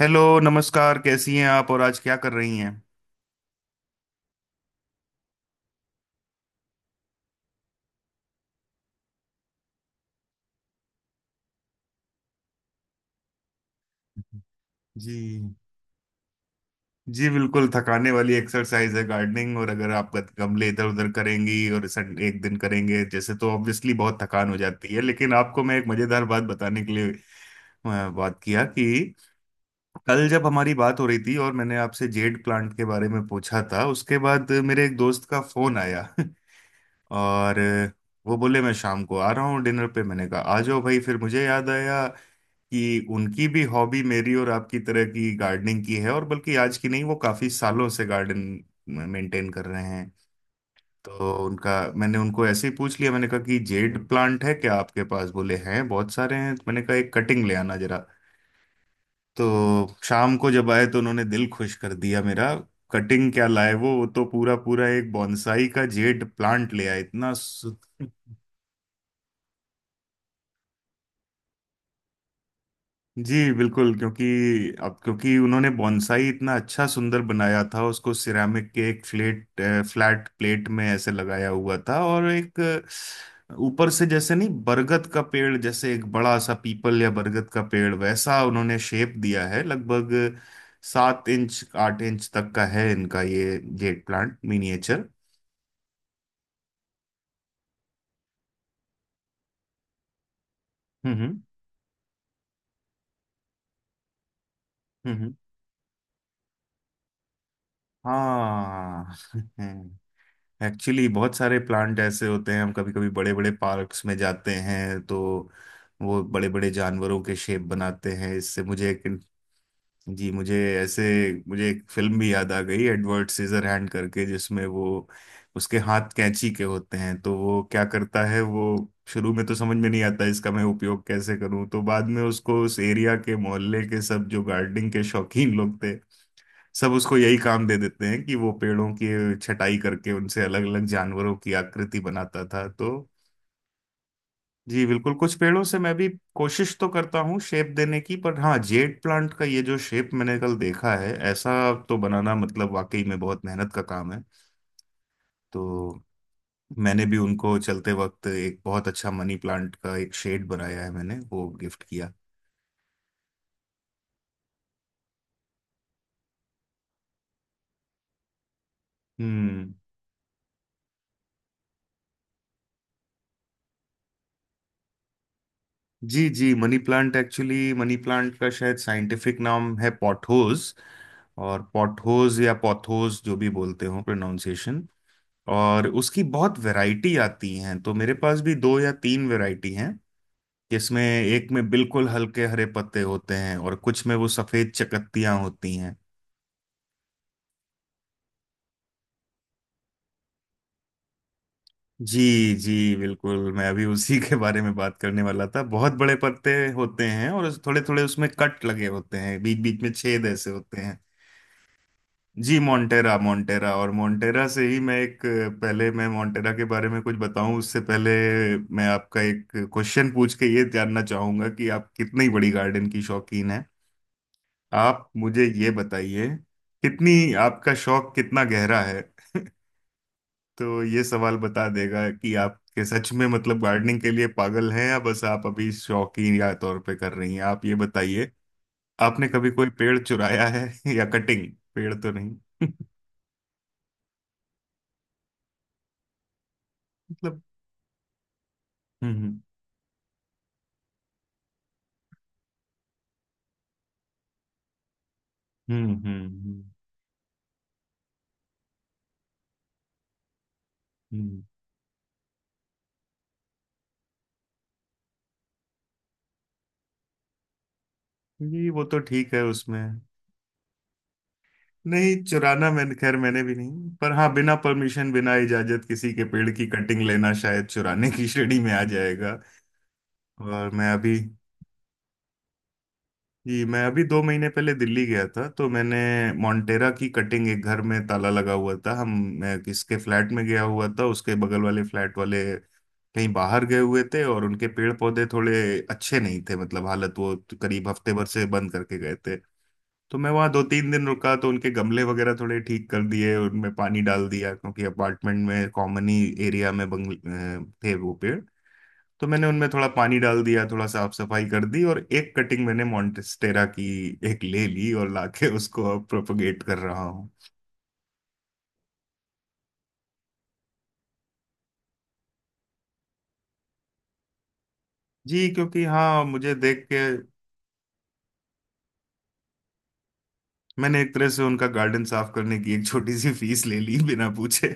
Hello नमस्कार, कैसी हैं आप और आज क्या कर रही हैं? जी, जी, बिल्कुल थकाने वाली एक्सरसाइज है गार्डनिंग। और अगर आप गमले इधर उधर करेंगी और एक दिन करेंगे जैसे तो ऑब्वियसली बहुत थकान हो जाती है। लेकिन आपको मैं एक मजेदार बात बताने के लिए बात किया कि कल जब हमारी बात हो रही थी और मैंने आपसे जेड प्लांट के बारे में पूछा था, उसके बाद मेरे एक दोस्त का फोन आया और वो बोले मैं शाम को आ रहा हूँ डिनर पे। मैंने कहा आ जाओ भाई। फिर मुझे याद आया कि उनकी भी हॉबी मेरी और आपकी तरह की गार्डनिंग की है, और बल्कि आज की नहीं, वो काफी सालों से गार्डन मेंटेन कर रहे हैं। तो उनका मैंने उनको ऐसे ही पूछ लिया, मैंने कहा कि जेड प्लांट है क्या आपके पास, बोले हैं बहुत सारे हैं। तो मैंने कहा एक कटिंग ले आना जरा। तो शाम को जब आए तो उन्होंने दिल खुश कर दिया मेरा। कटिंग क्या लाए, वो तो पूरा पूरा एक बॉन्साई का जेड प्लांट ले आए इतना जी बिल्कुल। क्योंकि अब क्योंकि उन्होंने बॉन्साई इतना अच्छा सुंदर बनाया था। उसको सिरामिक के एक फ्लेट फ्लैट प्लेट में ऐसे लगाया हुआ था और एक ऊपर से जैसे नहीं बरगद का पेड़ जैसे, एक बड़ा सा पीपल या बरगद का पेड़ वैसा उन्होंने शेप दिया है। लगभग 7 इंच 8 इंच तक का है इनका ये jade plant miniature. Hmm, hmm, हाँ एक्चुअली बहुत सारे प्लांट ऐसे होते हैं, हम कभी कभी बड़े बड़े पार्क्स में जाते हैं तो वो बड़े बड़े जानवरों के शेप बनाते हैं। इससे मुझे एक जी। ऐसे मुझे एक फिल्म भी याद आ गई एडवर्ड सीजर हैंड करके, जिसमें वो उसके हाथ कैंची के होते हैं। तो वो क्या करता है, वो शुरू में तो समझ में नहीं आता इसका मैं उपयोग कैसे करूं, तो बाद में उसको उस एरिया के मोहल्ले के सब जो गार्डनिंग के शौकीन लोग थे, सब उसको यही काम दे देते हैं कि वो पेड़ों की छटाई करके उनसे अलग अलग जानवरों की आकृति बनाता था। तो जी, बिल्कुल। कुछ पेड़ों से मैं भी कोशिश तो करता हूँ शेप देने की, पर हाँ जेड प्लांट का ये जो शेप मैंने कल देखा है ऐसा तो बनाना मतलब वाकई में बहुत मेहनत का काम है। तो मैंने भी उनको चलते वक्त एक बहुत अच्छा मनी प्लांट का एक शेड बनाया है, मैंने वो गिफ्ट किया। हम्म। जी, जी, money plant actually money plant का शायद साइंटिफिक नाम है पॉटहोज। और पॉटहोज या पॉथोज जो भी बोलते हो प्रोनाउंसिएशन। और उसकी बहुत वैरायटी आती हैं तो मेरे पास भी दो या तीन वैरायटी हैं, जिसमें एक में बिल्कुल हल्के हरे पत्ते होते हैं और कुछ में वो सफेद चकत्तियां होती हैं। जी, जी, बिल्कुल, मैं अभी उसी के बारे में बात करने वाला था। बहुत बड़े पत्ते होते हैं और थोड़े थोड़े उसमें कट लगे होते हैं, बीच बीच में छेद ऐसे होते हैं। जी, मोन्टेरा। मोन्टेरा और मोन्टेरा से ही मैं एक पहले मैं मोन्टेरा के बारे में कुछ बताऊं उससे पहले मैं आपका एक क्वेश्चन पूछ के ये जानना चाहूंगा कि आप कितनी बड़ी गार्डन की शौकीन हैं। आप मुझे ये बताइए, कितनी आपका शौक कितना गहरा है। तो ये सवाल बता देगा कि आप के सच में मतलब गार्डनिंग के लिए पागल हैं या बस आप अभी शौकीन या तौर पे कर रही हैं, आप ये बताइए, आपने कभी कोई पेड़ चुराया है? या कटिंग, पेड़ तो नहीं मतलब। हम्म, हम्म, हम्म, हम्म, हम्म। ये वो तो ठीक है उसमें। नहीं चुराना मैंने, खैर मैंने भी नहीं, पर हाँ बिना परमिशन बिना इजाजत किसी के पेड़ की कटिंग लेना शायद चुराने की श्रेणी में आ जाएगा। और मैं अभी जी, मैं अभी 2 महीने पहले दिल्ली गया था। तो मैंने मोन्टेरा की कटिंग, एक घर में ताला लगा हुआ था, हम मैं किसके फ्लैट में गया हुआ था उसके बगल वाले फ्लैट वाले कहीं बाहर गए हुए थे, और उनके पेड़ पौधे थोड़े अच्छे नहीं थे, मतलब हालत, वो तो करीब हफ्ते भर से बंद करके गए थे। तो मैं वहाँ 2-3 दिन रुका, तो उनके गमले वगैरह थोड़े ठीक कर दिए, उनमें पानी डाल दिया, क्योंकि अपार्टमेंट में कॉमन ही एरिया में बंगल थे वो पेड़। तो मैंने उनमें थोड़ा पानी डाल दिया, थोड़ा साफ सफाई कर दी, और एक कटिंग मैंने मॉन्टेस्टेरा की एक ले ली और लाके उसको अब प्रोपगेट कर रहा हूँ। जी क्योंकि हाँ मुझे देख के, मैंने एक तरह से उनका गार्डन साफ करने की एक छोटी सी फीस ले ली बिना पूछे।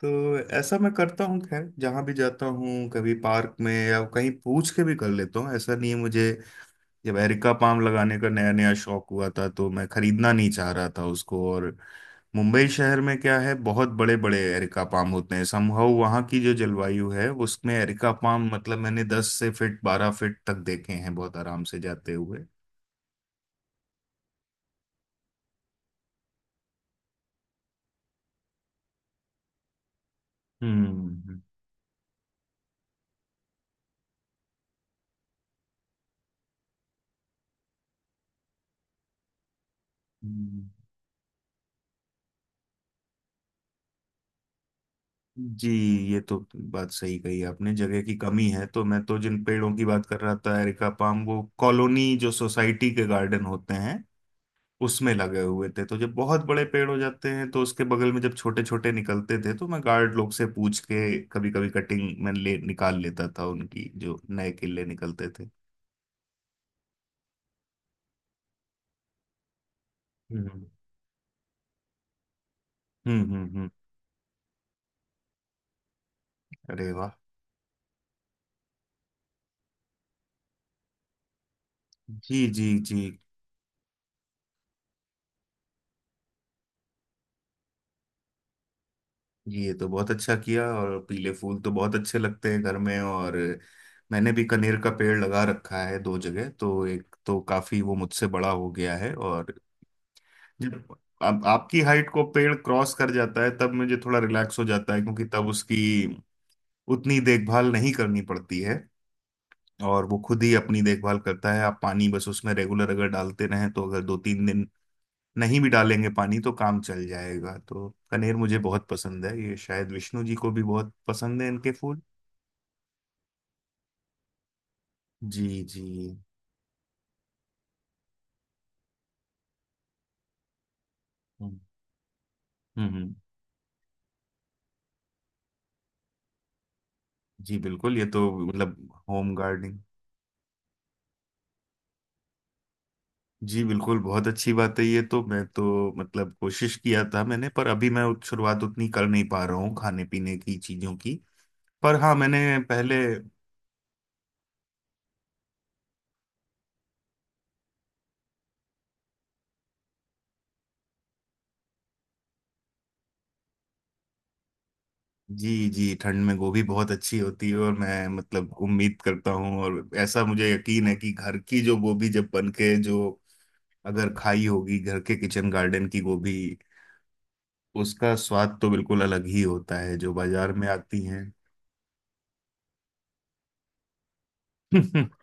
तो ऐसा मैं करता हूँ, खैर जहाँ भी जाता हूँ कभी पार्क में या कहीं पूछ के भी कर लेता हूँ, ऐसा नहीं है मुझे। जब एरिका पाम लगाने का नया नया शौक हुआ था तो मैं खरीदना नहीं चाह रहा था उसको। और मुंबई शहर में क्या है, बहुत बड़े बड़े एरिका पाम होते हैं, समहाउ वहाँ की जो जलवायु है उसमें एरिका पाम मतलब मैंने 10 से फिट 12 फिट तक देखे हैं बहुत आराम से जाते हुए। हम्म, हम्म। जी, ये तो बात सही कही आपने जगह की कमी है। तो मैं तो जिन पेड़ों की बात कर रहा था एरिका पाम, वो कॉलोनी जो सोसाइटी के गार्डन होते हैं उसमें लगे हुए थे। तो जब बहुत बड़े पेड़ हो जाते हैं तो उसके बगल में जब छोटे छोटे निकलते थे तो मैं गार्ड लोग से पूछ के कभी कभी कटिंग मैं ले निकाल लेता था उनकी, जो नए केले निकलते थे। हम्म। हम्म, हम्म, हम्म, अरे वाह। जी, जी, जी, ये तो बहुत अच्छा किया, और पीले फूल तो बहुत अच्छे लगते हैं घर में। और मैंने भी कनेर का पेड़ लगा रखा है दो जगह, तो एक तो काफी वो मुझसे बड़ा हो गया है। और जब अब आपकी हाइट को पेड़ क्रॉस कर जाता है तब मुझे थोड़ा रिलैक्स हो जाता है, क्योंकि तब उसकी उतनी देखभाल नहीं करनी पड़ती है और वो खुद ही अपनी देखभाल करता है। आप पानी बस उसमें रेगुलर अगर डालते रहें तो, अगर 2-3 दिन नहीं भी डालेंगे पानी तो काम चल जाएगा। तो कनेर मुझे बहुत पसंद है, ये शायद विष्णु जी को भी बहुत पसंद है इनके फूल। जी, जी, हम्म, हम्म, जी, बिल्कुल, ये तो मतलब होम गार्डनिंग। जी, बिल्कुल, बहुत अच्छी बात है ये तो, मैं तो मतलब कोशिश किया था मैंने, पर अभी मैं शुरुआत उतनी कर नहीं पा रहा हूँ खाने पीने की चीजों की। पर हाँ मैंने पहले। जी, जी, ठंड में गोभी बहुत अच्छी होती है, और मैं मतलब उम्मीद करता हूँ और ऐसा मुझे यकीन है कि घर की जो गोभी जब बन के जो, अगर खाई होगी घर के किचन गार्डन की गोभी, उसका स्वाद तो बिल्कुल अलग ही होता है जो बाजार में आती हैं।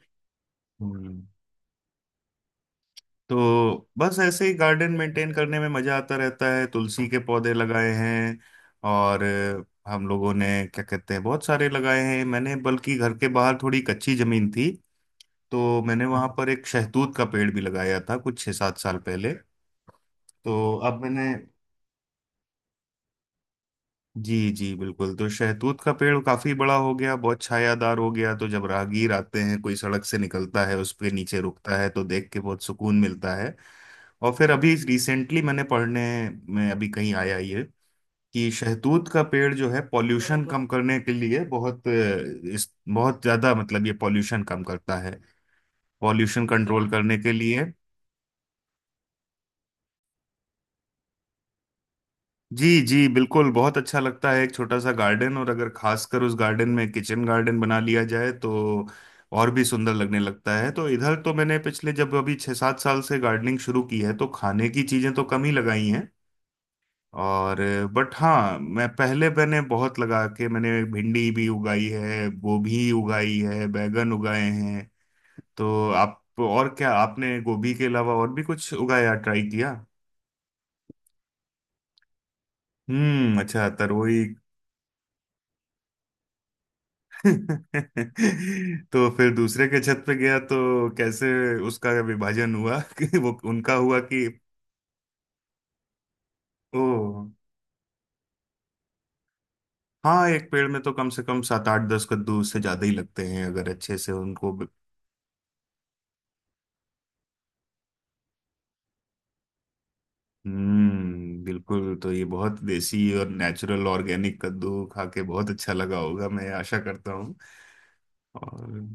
हम्म तो बस ऐसे ही गार्डन मेंटेन करने में मजा आता रहता है, तुलसी के पौधे लगाए हैं। और हम लोगों ने क्या कहते हैं बहुत सारे लगाए हैं, मैंने बल्कि घर के बाहर थोड़ी कच्ची जमीन थी तो मैंने वहां पर एक शहतूत का पेड़ भी लगाया था कुछ 6-7 साल पहले। तो अब मैंने जी, जी, बिल्कुल। तो शहतूत का पेड़ काफी बड़ा हो गया, बहुत छायादार हो गया, तो जब राहगीर आते हैं, कोई सड़क से निकलता है, उसके नीचे रुकता है, तो देख के बहुत सुकून मिलता है। और फिर अभी रिसेंटली मैंने पढ़ने में अभी कहीं आया ये कि शहतूत का पेड़ जो है पॉल्यूशन कम करने के लिए बहुत अ, इस बहुत ज्यादा मतलब ये पॉल्यूशन कम करता है, पॉल्यूशन कंट्रोल करने के लिए। जी, जी, बिल्कुल, बहुत अच्छा लगता है एक छोटा सा गार्डन, और अगर खासकर उस गार्डन में किचन गार्डन बना लिया जाए तो और भी सुंदर लगने लगता है। तो इधर तो मैंने पिछले जब अभी 6-7 साल से गार्डनिंग शुरू की है तो खाने की चीज़ें तो कम ही लगाई हैं। और बट हाँ मैं पहले मैंने बहुत लगा के मैंने भिंडी भी उगाई है, गोभी उगाई है, बैगन उगाए हैं। तो आप, और क्या आपने गोभी के अलावा और भी कुछ उगाया, ट्राई किया? हम्म, अच्छा, तरोई। तो फिर दूसरे के छत पे गया तो कैसे उसका विभाजन हुआ कि वो उनका हुआ, कि। ओ, हाँ एक पेड़ में तो कम से कम सात आठ दस कद्दू उससे ज्यादा ही लगते हैं, अगर अच्छे से उनको। बिल्कुल, तो ये बहुत देसी और नेचुरल ऑर्गेनिक कद्दू खा के बहुत अच्छा लगा होगा, मैं आशा करता हूँ। और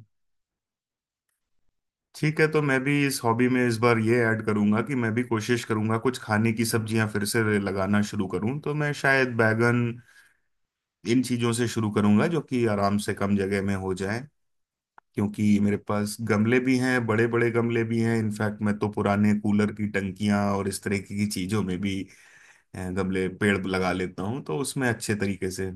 ठीक है, तो मैं भी इस हॉबी में इस बार ये ऐड करूंगा कि मैं भी कोशिश करूंगा कुछ खाने की सब्जियां फिर से लगाना शुरू करूं, तो मैं शायद बैगन इन चीजों से शुरू करूंगा जो कि आराम से कम जगह में हो जाए। क्योंकि मेरे पास गमले भी हैं, बड़े बड़े गमले भी हैं, इनफैक्ट मैं तो पुराने कूलर की टंकियां और इस तरह की चीजों में भी गमले पेड़ लगा लेता हूँ, तो उसमें अच्छे तरीके से।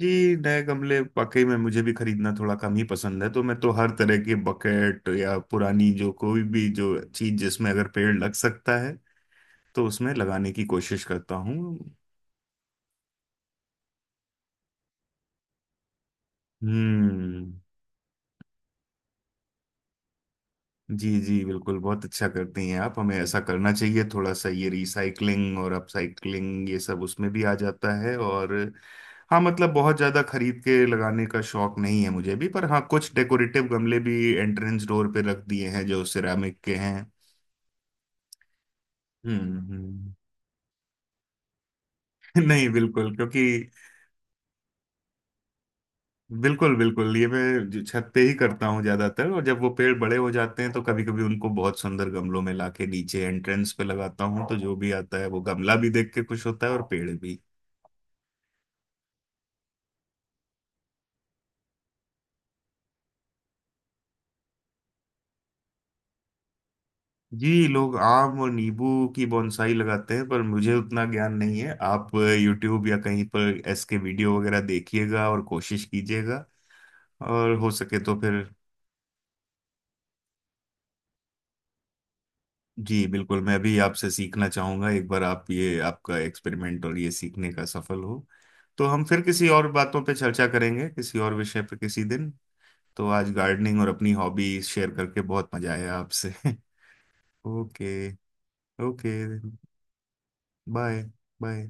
जी, नए गमले वाकई में मुझे भी खरीदना थोड़ा कम ही पसंद है, तो मैं तो हर तरह के बकेट या पुरानी जो कोई भी जो चीज जिसमें अगर पेड़ लग सकता है तो उसमें लगाने की कोशिश करता हूँ। हम्म। जी, जी, बिल्कुल, बहुत अच्छा करती हैं आप, हमें ऐसा करना चाहिए, थोड़ा सा ये रिसाइकलिंग और अपसाइकलिंग ये सब उसमें भी आ जाता है। और हाँ मतलब बहुत ज़्यादा खरीद के लगाने का शौक नहीं है मुझे भी, पर हाँ कुछ डेकोरेटिव गमले भी एंट्रेंस डोर पे रख दिए हैं जो सिरामिक के हैं। हम्म, हम्म। नहीं, बिल्कुल। क्योंकि बिल्कुल, बिल्कुल, ये मैं जो छत पे ही करता हूँ ज्यादातर, और जब वो पेड़ बड़े हो जाते हैं तो कभी कभी उनको बहुत सुंदर गमलों में लाके नीचे एंट्रेंस पे लगाता हूँ, तो जो भी आता है वो गमला भी देख के खुश होता है और पेड़ भी। जी, लोग आम और नींबू की बोनसाई लगाते हैं, पर मुझे उतना ज्ञान नहीं है। आप यूट्यूब या कहीं पर इसके वीडियो वगैरह देखिएगा और कोशिश कीजिएगा, और हो सके तो फिर जी, बिल्कुल, मैं भी आपसे सीखना चाहूंगा। एक बार आप ये आपका एक्सपेरिमेंट और ये सीखने का सफल हो तो हम फिर किसी और बातों पे चर्चा करेंगे किसी और विषय पर किसी दिन। तो आज गार्डनिंग और अपनी हॉबी शेयर करके बहुत मजा आया आपसे ओके, ओके, बाय, बाय।